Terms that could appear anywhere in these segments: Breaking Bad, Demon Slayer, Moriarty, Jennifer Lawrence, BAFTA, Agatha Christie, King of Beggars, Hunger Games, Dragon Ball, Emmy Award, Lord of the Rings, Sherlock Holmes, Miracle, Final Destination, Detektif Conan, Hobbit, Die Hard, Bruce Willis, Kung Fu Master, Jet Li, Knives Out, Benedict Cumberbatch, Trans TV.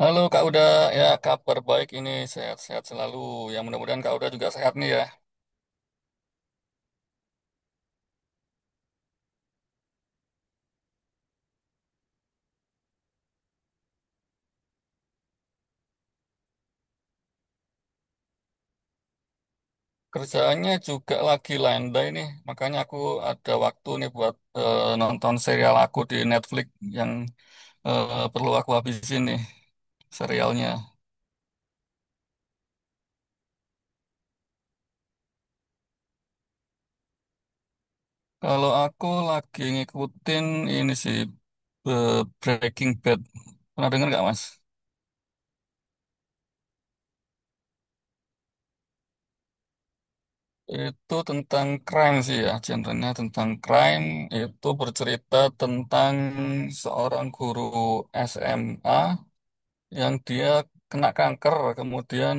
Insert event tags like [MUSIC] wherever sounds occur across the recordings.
Halo Kak Uda, ya kabar baik ini sehat-sehat selalu. Yang mudah-mudahan Kak Uda juga sehat nih ya. Kerjaannya juga lagi landai nih, makanya aku ada waktu nih buat nonton serial aku di Netflix yang perlu aku habisin nih serialnya. Kalau aku lagi ngikutin ini sih eh, Breaking Bad. Pernah dengar nggak Mas? Itu tentang crime sih ya, genrenya tentang crime. Itu bercerita tentang seorang guru SMA yang dia kena kanker, kemudian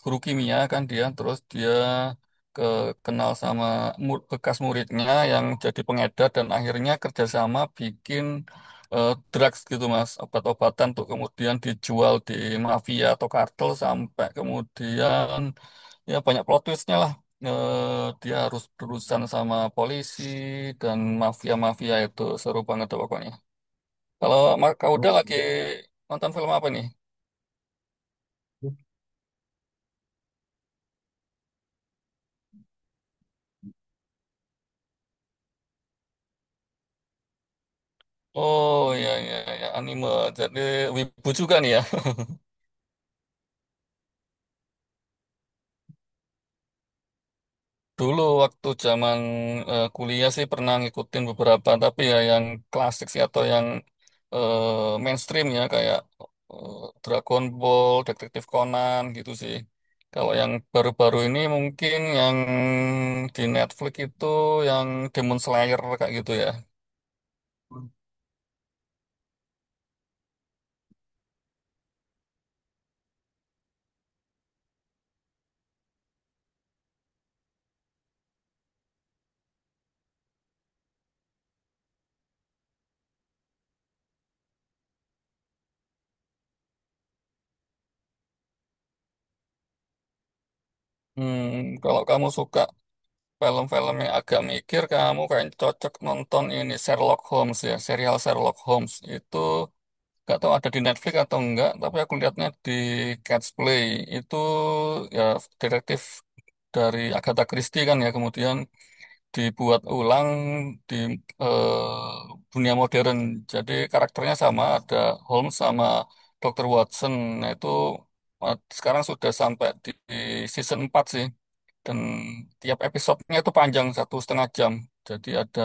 guru kimia kan dia, terus dia ke kenal sama bekas muridnya yang jadi pengedar dan akhirnya kerjasama bikin drugs gitu mas, obat-obatan tuh kemudian dijual di mafia atau kartel sampai kemudian ya banyak plot twistnya lah. Dia harus berurusan sama polisi dan mafia-mafia itu seru banget tuh pokoknya. Kalau Kak Uda, oh, lagi nonton film apa nih? Oh, ya, ya, ya, anime. Jadi wibu juga nih ya. [LAUGHS] Dulu waktu zaman kuliah sih pernah ngikutin beberapa tapi ya yang klasik sih atau yang mainstream ya kayak eh, Dragon Ball, Detektif Conan gitu sih. Kalau yang baru-baru ini mungkin yang di Netflix itu yang Demon Slayer kayak gitu ya. Hmm, kalau kamu suka film-film yang agak mikir kamu kayak cocok nonton ini Sherlock Holmes ya, serial Sherlock Holmes itu gak tahu ada di Netflix atau enggak, tapi aku lihatnya di Cat's Play itu ya detektif dari Agatha Christie kan ya kemudian dibuat ulang di eh, dunia modern. Jadi karakternya sama, ada Holmes sama Dr. Watson. Nah, itu sekarang sudah sampai di season 4 sih. Dan tiap episodenya itu panjang, 1,5 jam. Jadi ada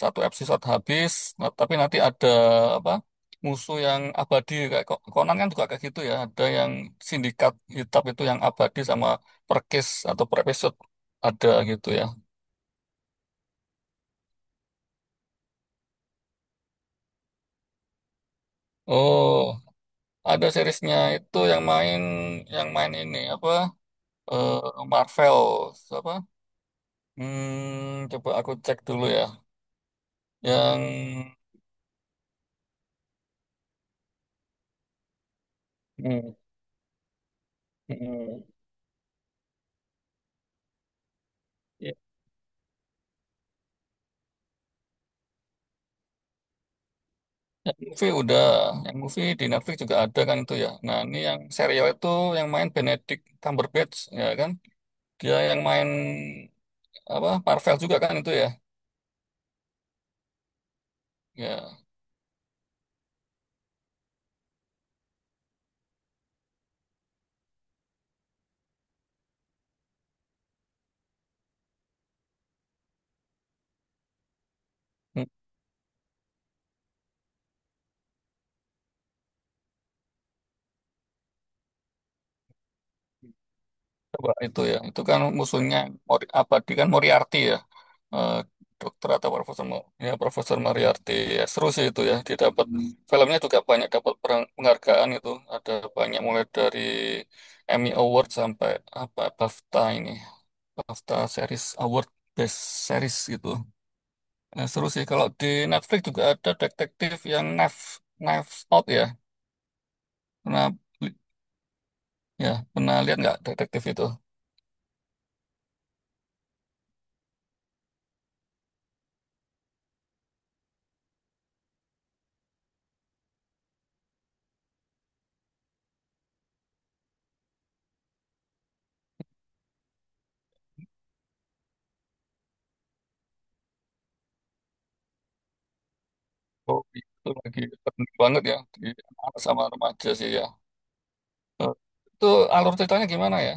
satu episode habis, nah, tapi nanti ada apa musuh yang abadi. Kayak Conan kan juga kayak gitu ya. Ada yang sindikat hitam itu yang abadi sama per case atau per episode ada gitu ya. Oh, ada seriesnya itu yang main ini apa? eh Marvel apa? Hmm, coba aku cek dulu ya. Yang hmm, hmm. Yang movie udah, yang movie di Netflix juga ada kan itu ya. Nah, ini yang serial itu yang main Benedict Cumberbatch ya kan? Dia yang main apa? Marvel juga kan itu ya. Ya. Coba itu ya. Itu kan musuhnya apa dia kan Moriarty ya. Eh, dokter atau profesor ya Profesor Moriarty. Ya, seru sih itu ya. Dia dapat filmnya juga banyak dapat penghargaan itu. Ada banyak mulai dari Emmy Award sampai apa BAFTA ini. BAFTA Series Award Best Series gitu. Nah, seru sih kalau di Netflix juga ada detektif yang Knives Out ya. Pernah pernah lihat nggak detektif itu? Oh, itu lagi penting banget ya di anak sama remaja sih ya. Eh, Itu alur ceritanya gimana ya?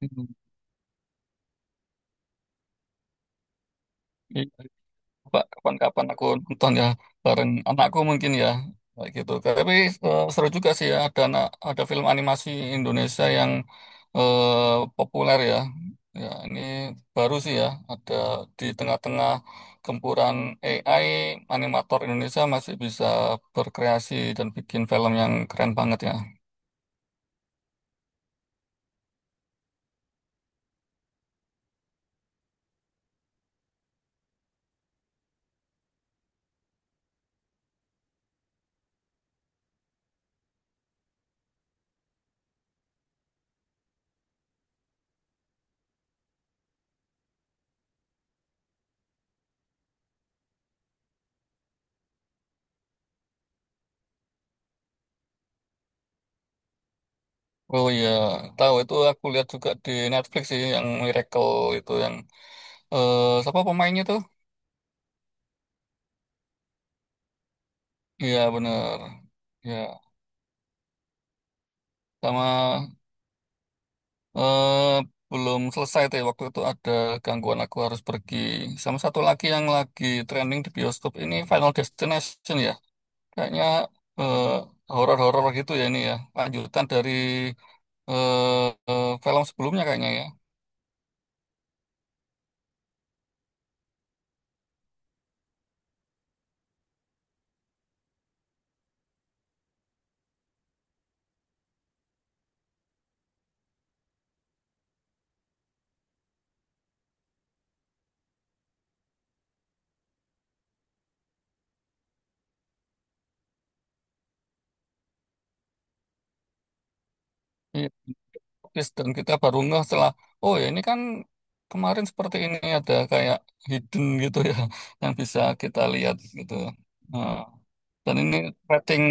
Hmm, iya. Coba kapan-kapan aku nonton ya bareng anakku mungkin ya kayak gitu. Tapi seru juga sih ya ada ada film animasi Indonesia yang populer ya. Ya ini baru sih ya ada di tengah-tengah gempuran AI animator Indonesia masih bisa berkreasi dan bikin film yang keren banget ya. Oh iya, tahu itu aku lihat juga di Netflix sih yang Miracle itu yang siapa pemainnya tuh? Iya bener. Ya, sama eh belum selesai tuh ya, waktu itu ada gangguan aku harus pergi. Sama satu lagi yang lagi trending di bioskop ini Final Destination ya. Kayaknya eh horor-horor gitu ya ini ya. Lanjutan dari film sebelumnya kayaknya ya. Iya. Yes, dan kita baru ngeh setelah oh ya ini kan kemarin seperti ini ada kayak hidden gitu ya [LAUGHS] yang bisa kita lihat gitu. Nah, dan ini rating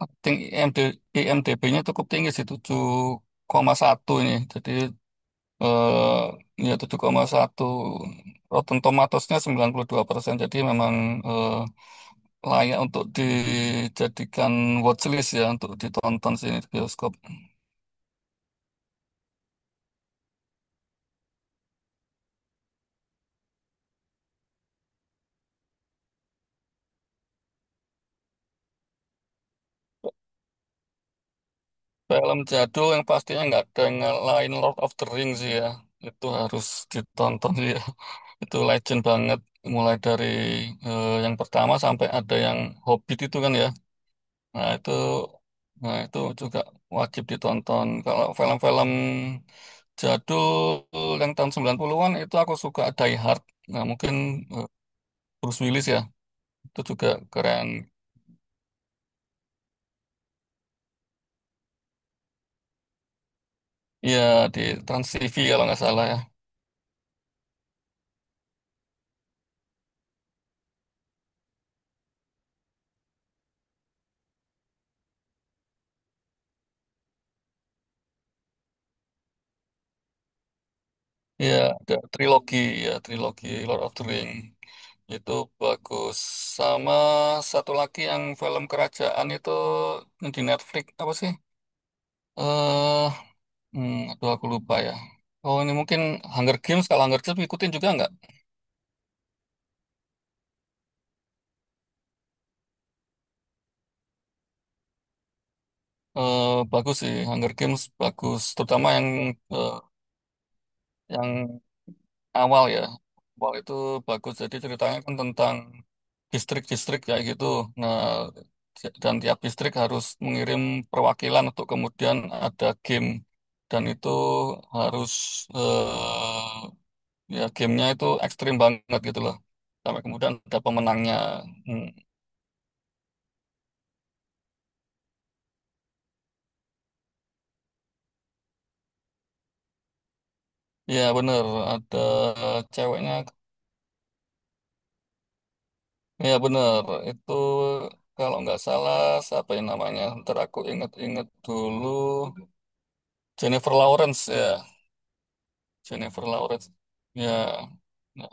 rating IMDb-nya cukup tinggi sih tujuh koma satu ini. Jadi ya 7,1 Rotten Tomatoes-nya 92%. Jadi memang eh, layak untuk dijadikan watchlist ya untuk ditonton sini di bioskop. Film jadul yang pastinya nggak ada yang lain Lord of the Rings sih ya. Itu harus ditonton sih ya. [LAUGHS] Itu legend banget. Mulai dari yang pertama sampai ada yang Hobbit itu kan ya. Nah itu, nah itu juga wajib ditonton. Kalau film-film jadul yang tahun 90-an itu aku suka Die Hard. Nah mungkin eh, Bruce Willis ya. Itu juga keren. Iya di Trans TV kalau nggak salah ya. Ya, ada trilogi ya, trilogi Lord of the Ring. Itu bagus. Sama satu lagi yang film kerajaan itu yang di Netflix apa sih? Eh, aduh aku lupa ya. Oh, ini mungkin Hunger Games. Kalau Hunger Games ikutin juga nggak? Eh, bagus sih, Hunger Games bagus. Terutama yang eh, yang awal ya. Awal itu bagus. Jadi ceritanya kan tentang distrik-distrik kayak gitu. Nah, dan tiap distrik harus mengirim perwakilan untuk kemudian ada game. Dan itu harus eh, ya gamenya itu ekstrim banget gitu loh. Sampai kemudian ada pemenangnya. Hmm. Ya bener, ada ceweknya. Ya bener, itu kalau nggak salah siapa yang namanya? Ntar aku inget-inget dulu. Jennifer Lawrence ya. Jennifer Lawrence. Ya, nah,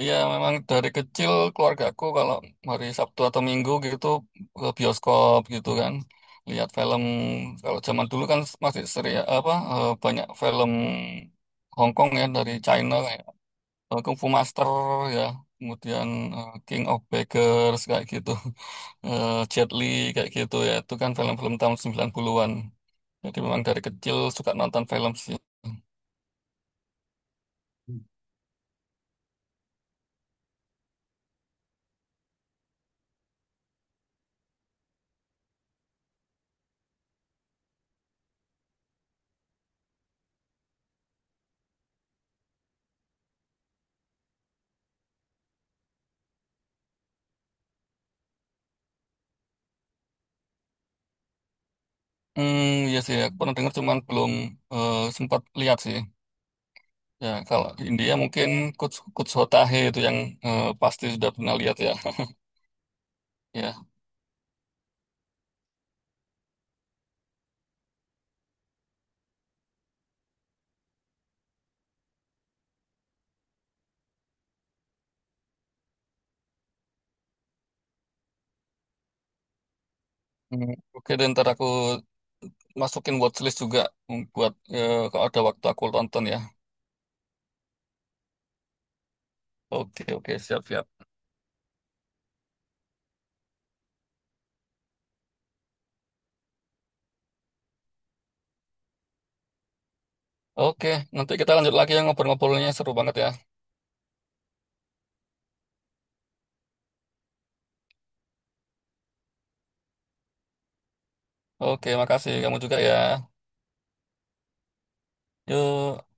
iya memang dari kecil keluargaku kalau hari Sabtu atau Minggu gitu ke bioskop gitu kan lihat film. Kalau zaman dulu kan masih seri apa banyak film Hong Kong ya dari China kayak Kung Fu Master ya, kemudian King of Beggars kayak gitu. [LAUGHS] Jet Li kayak gitu ya. Itu kan film-film tahun 90-an. Jadi memang dari kecil suka nonton film sih. Hmm, iya sih, aku pernah dengar cuman belum sempat lihat sih. Ya, kalau di India mungkin kuts kuts Hotahe itu yang pasti sudah pernah lihat ya. [LAUGHS] Ya, oke, dan ntar aku masukin watchlist juga buat kalau ada waktu aku tonton ya. Oke, oke, siap, siap. Oke, nanti kita lanjut lagi ya ngobrol-ngobrolnya seru banget ya. Oke, makasih kamu juga ya. Yuk.